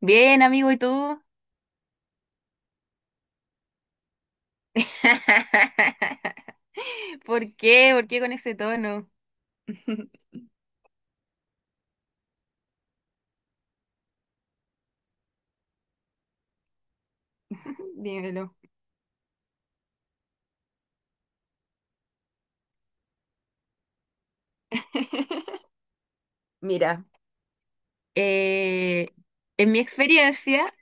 Bien, amigo, ¿y tú? ¿Por qué? ¿Por qué con ese tono? Dímelo. Mira, eh, en mi experiencia,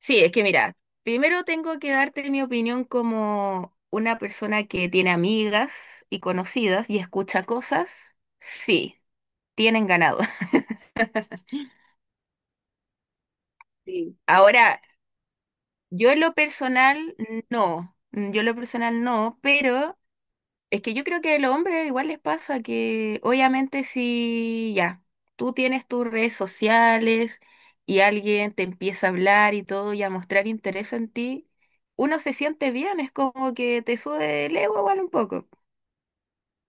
sí, es que mira, primero tengo que darte mi opinión como una persona que tiene amigas y conocidas y escucha cosas. Sí, tienen ganado. Sí. Ahora, yo en lo personal no, yo en lo personal no, pero es que yo creo que a los hombres igual les pasa que obviamente si ya, tú tienes tus redes sociales y alguien te empieza a hablar y todo y a mostrar interés en ti, uno se siente bien, es como que te sube el ego igual un poco.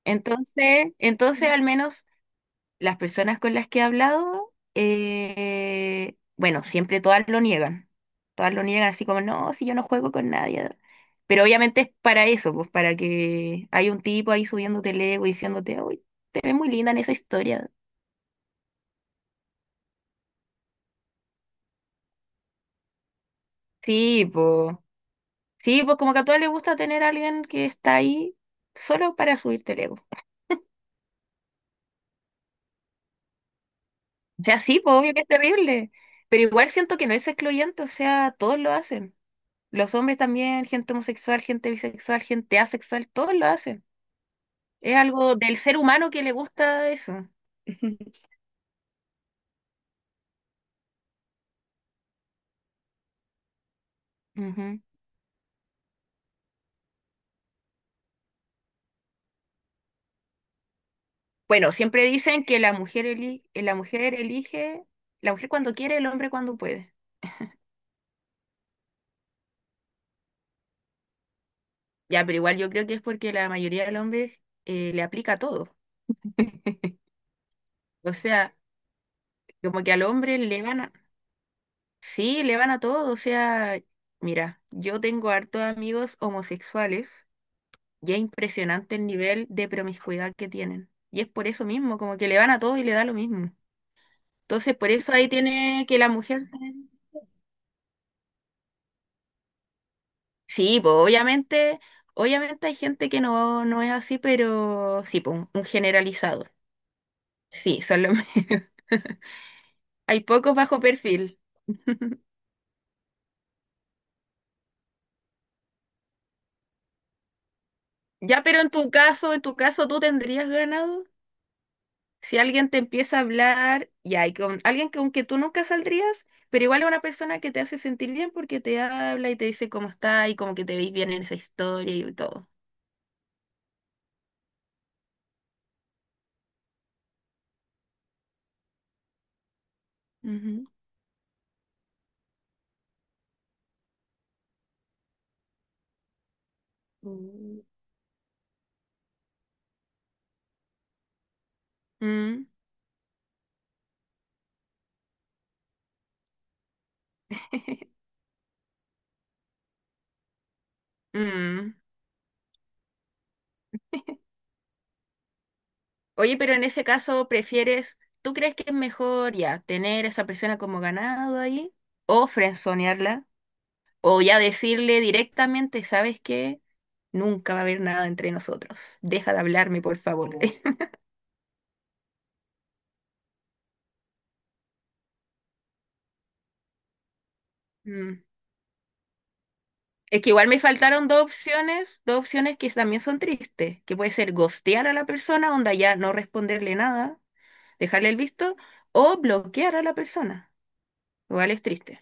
Entonces al menos las personas con las que he hablado, bueno, siempre todas lo niegan. Todas lo niegan así como, no, si yo no juego con nadie. Pero obviamente es para eso, pues para que hay un tipo ahí subiéndote el ego y diciéndote, uy, te ves muy linda en esa historia. Sí, pues, sí, pues como que a todas les gusta tener a alguien que está ahí solo para subirte el ego. O sea, sí, pues obvio que es terrible, pero igual siento que no es excluyente, o sea, todos lo hacen. Los hombres también, gente homosexual, gente bisexual, gente asexual, todos lo hacen. Es algo del ser humano que le gusta eso. Ujú. Bueno, siempre dicen que la mujer, la mujer elige, la mujer cuando quiere, el hombre cuando puede. Ya, pero igual yo creo que es porque la mayoría de los hombres le aplica todo. O sea, como que al hombre le van a... Sí, le van a todo. O sea, mira, yo tengo hartos amigos homosexuales y es impresionante el nivel de promiscuidad que tienen. Y es por eso mismo, como que le van a todos y le da lo mismo. Entonces, por eso ahí tiene que la mujer... Sí, pues obviamente, obviamente hay gente que no, no es así, pero sí, pues un generalizado. Sí, son los menos. Hay pocos bajo perfil. Ya, pero en tu caso, ¿tú tendrías ganado? Si alguien te empieza a hablar, ya, y con alguien con que tú nunca saldrías, pero igual es una persona que te hace sentir bien porque te habla y te dice cómo está y como que te veis bien en esa historia y todo. Ujú. Mm. Mm. Mm. Oye, pero en ese caso, ¿prefieres, tú crees que es mejor ya tener a esa persona como ganado ahí o frenzonearla o ya decirle directamente, ¿sabes qué? Nunca va a haber nada entre nosotros. Deja de hablarme, por favor. Mm. Es que igual me faltaron dos opciones que también son tristes, que puede ser ghostear a la persona, onda ya no responderle nada, dejarle el visto, o bloquear a la persona. Igual es triste.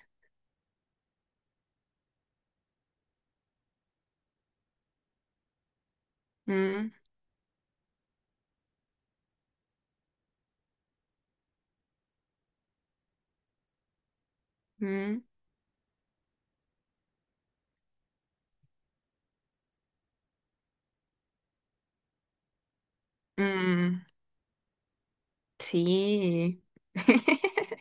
Mm, mm, mm, sí.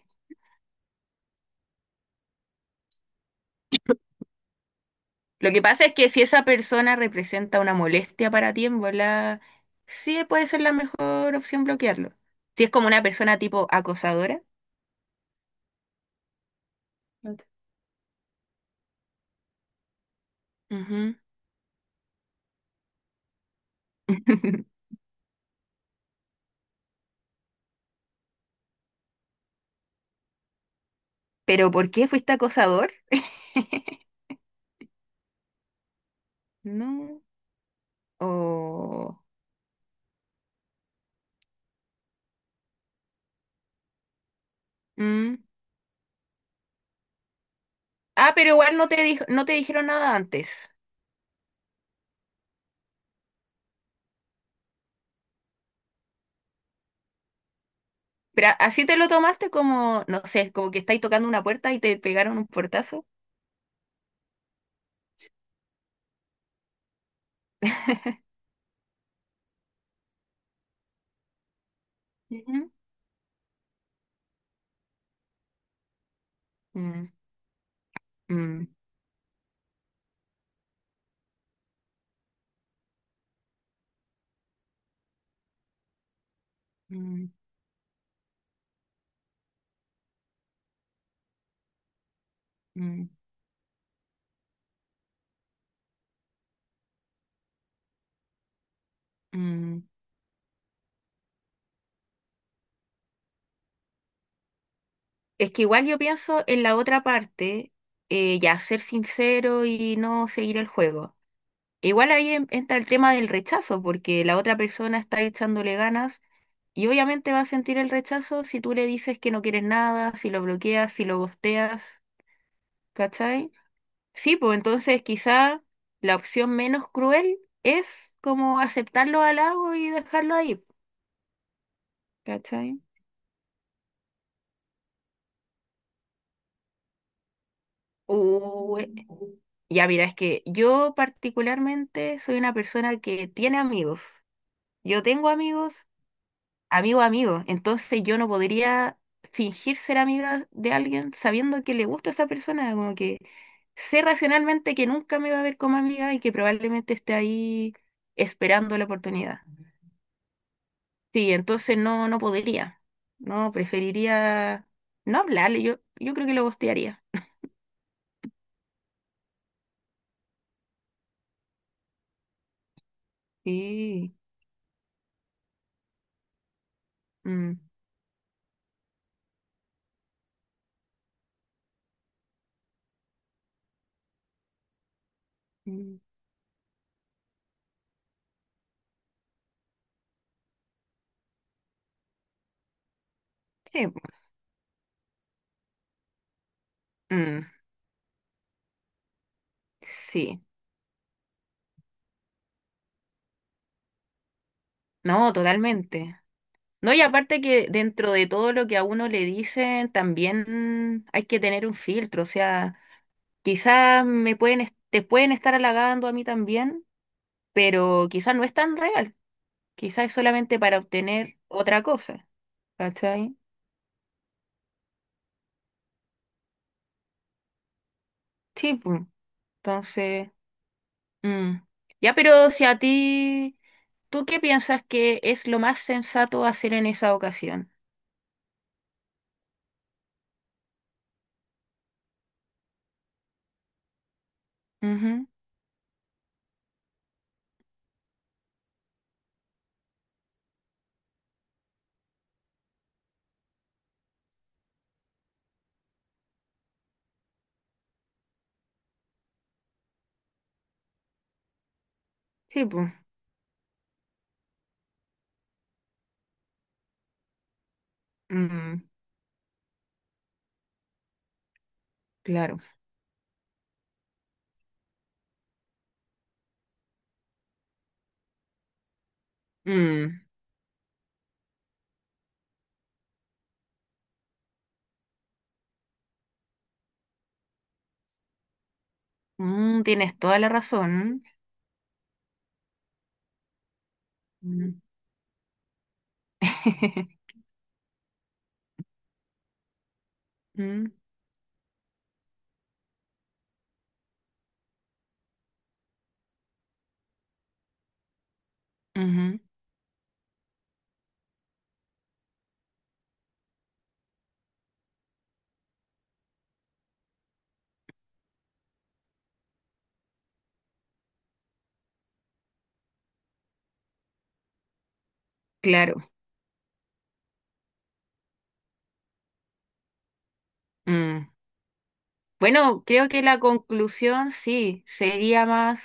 Lo que pasa es que si esa persona representa una molestia para ti, en volá, sí puede ser la mejor opción bloquearlo. Si es como una persona tipo acosadora. Ok. Ujú. ¿Pero por qué fuiste acosador? No. Oh, mm. Ah, pero igual no te dijeron nada antes. Pero así te lo tomaste como, no sé, como que estáis tocando una puerta y te pegaron un portazo. Ujú. Mm, mm, mm, mm, mm. Es que igual yo pienso en la otra parte, ya ser sincero y no seguir el juego. Igual ahí entra el tema del rechazo, porque la otra persona está echándole ganas y obviamente va a sentir el rechazo si tú le dices que no quieres nada, si lo bloqueas, si lo ghosteas, ¿cachai? Sí, pues entonces quizá la opción menos cruel es como aceptar los halagos y dejarlo ahí, ¿cachai? Uh, ya mira, es que yo particularmente soy una persona que tiene amigos. Yo tengo amigos amigo, a amigo. Entonces yo no podría fingir ser amiga de alguien sabiendo que le gusta a esa persona, como que sé racionalmente que nunca me va a ver como amiga y que probablemente esté ahí esperando la oportunidad. Sí, entonces no, no podría. No, preferiría no hablarle. Yo creo que lo gostearía. Sí. mm, mm, Sí. po. Mm, sí. No, totalmente. No, y aparte que dentro de todo lo que a uno le dicen, también hay que tener un filtro. O sea, quizás me pueden, te pueden estar halagando a mí también, pero quizás no es tan real. Quizás es solamente para obtener otra cosa. ¿Cachai? Sí, pues. Entonces, mm. Ya, pero si a ti, ¿tú qué piensas que es lo más sensato hacer en esa ocasión? Ujú. Sí, pues. Mm, claro. Mm, mm, tienes toda la razón. Mm. Mm, ujú, claro. Mm. Bueno, creo que la conclusión sí sería más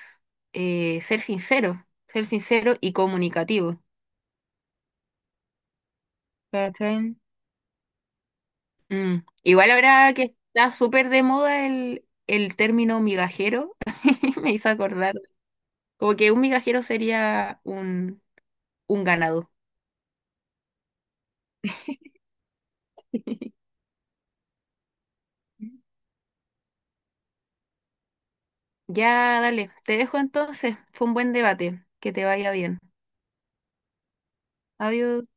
ser sincero y comunicativo. ¿Cachai? Mm. Igual ahora que está súper de moda el término migajero, me hizo acordar, como que un migajero sería un ganado. Ya, dale, te dejo entonces, fue un buen debate, que te vaya bien. Adiós.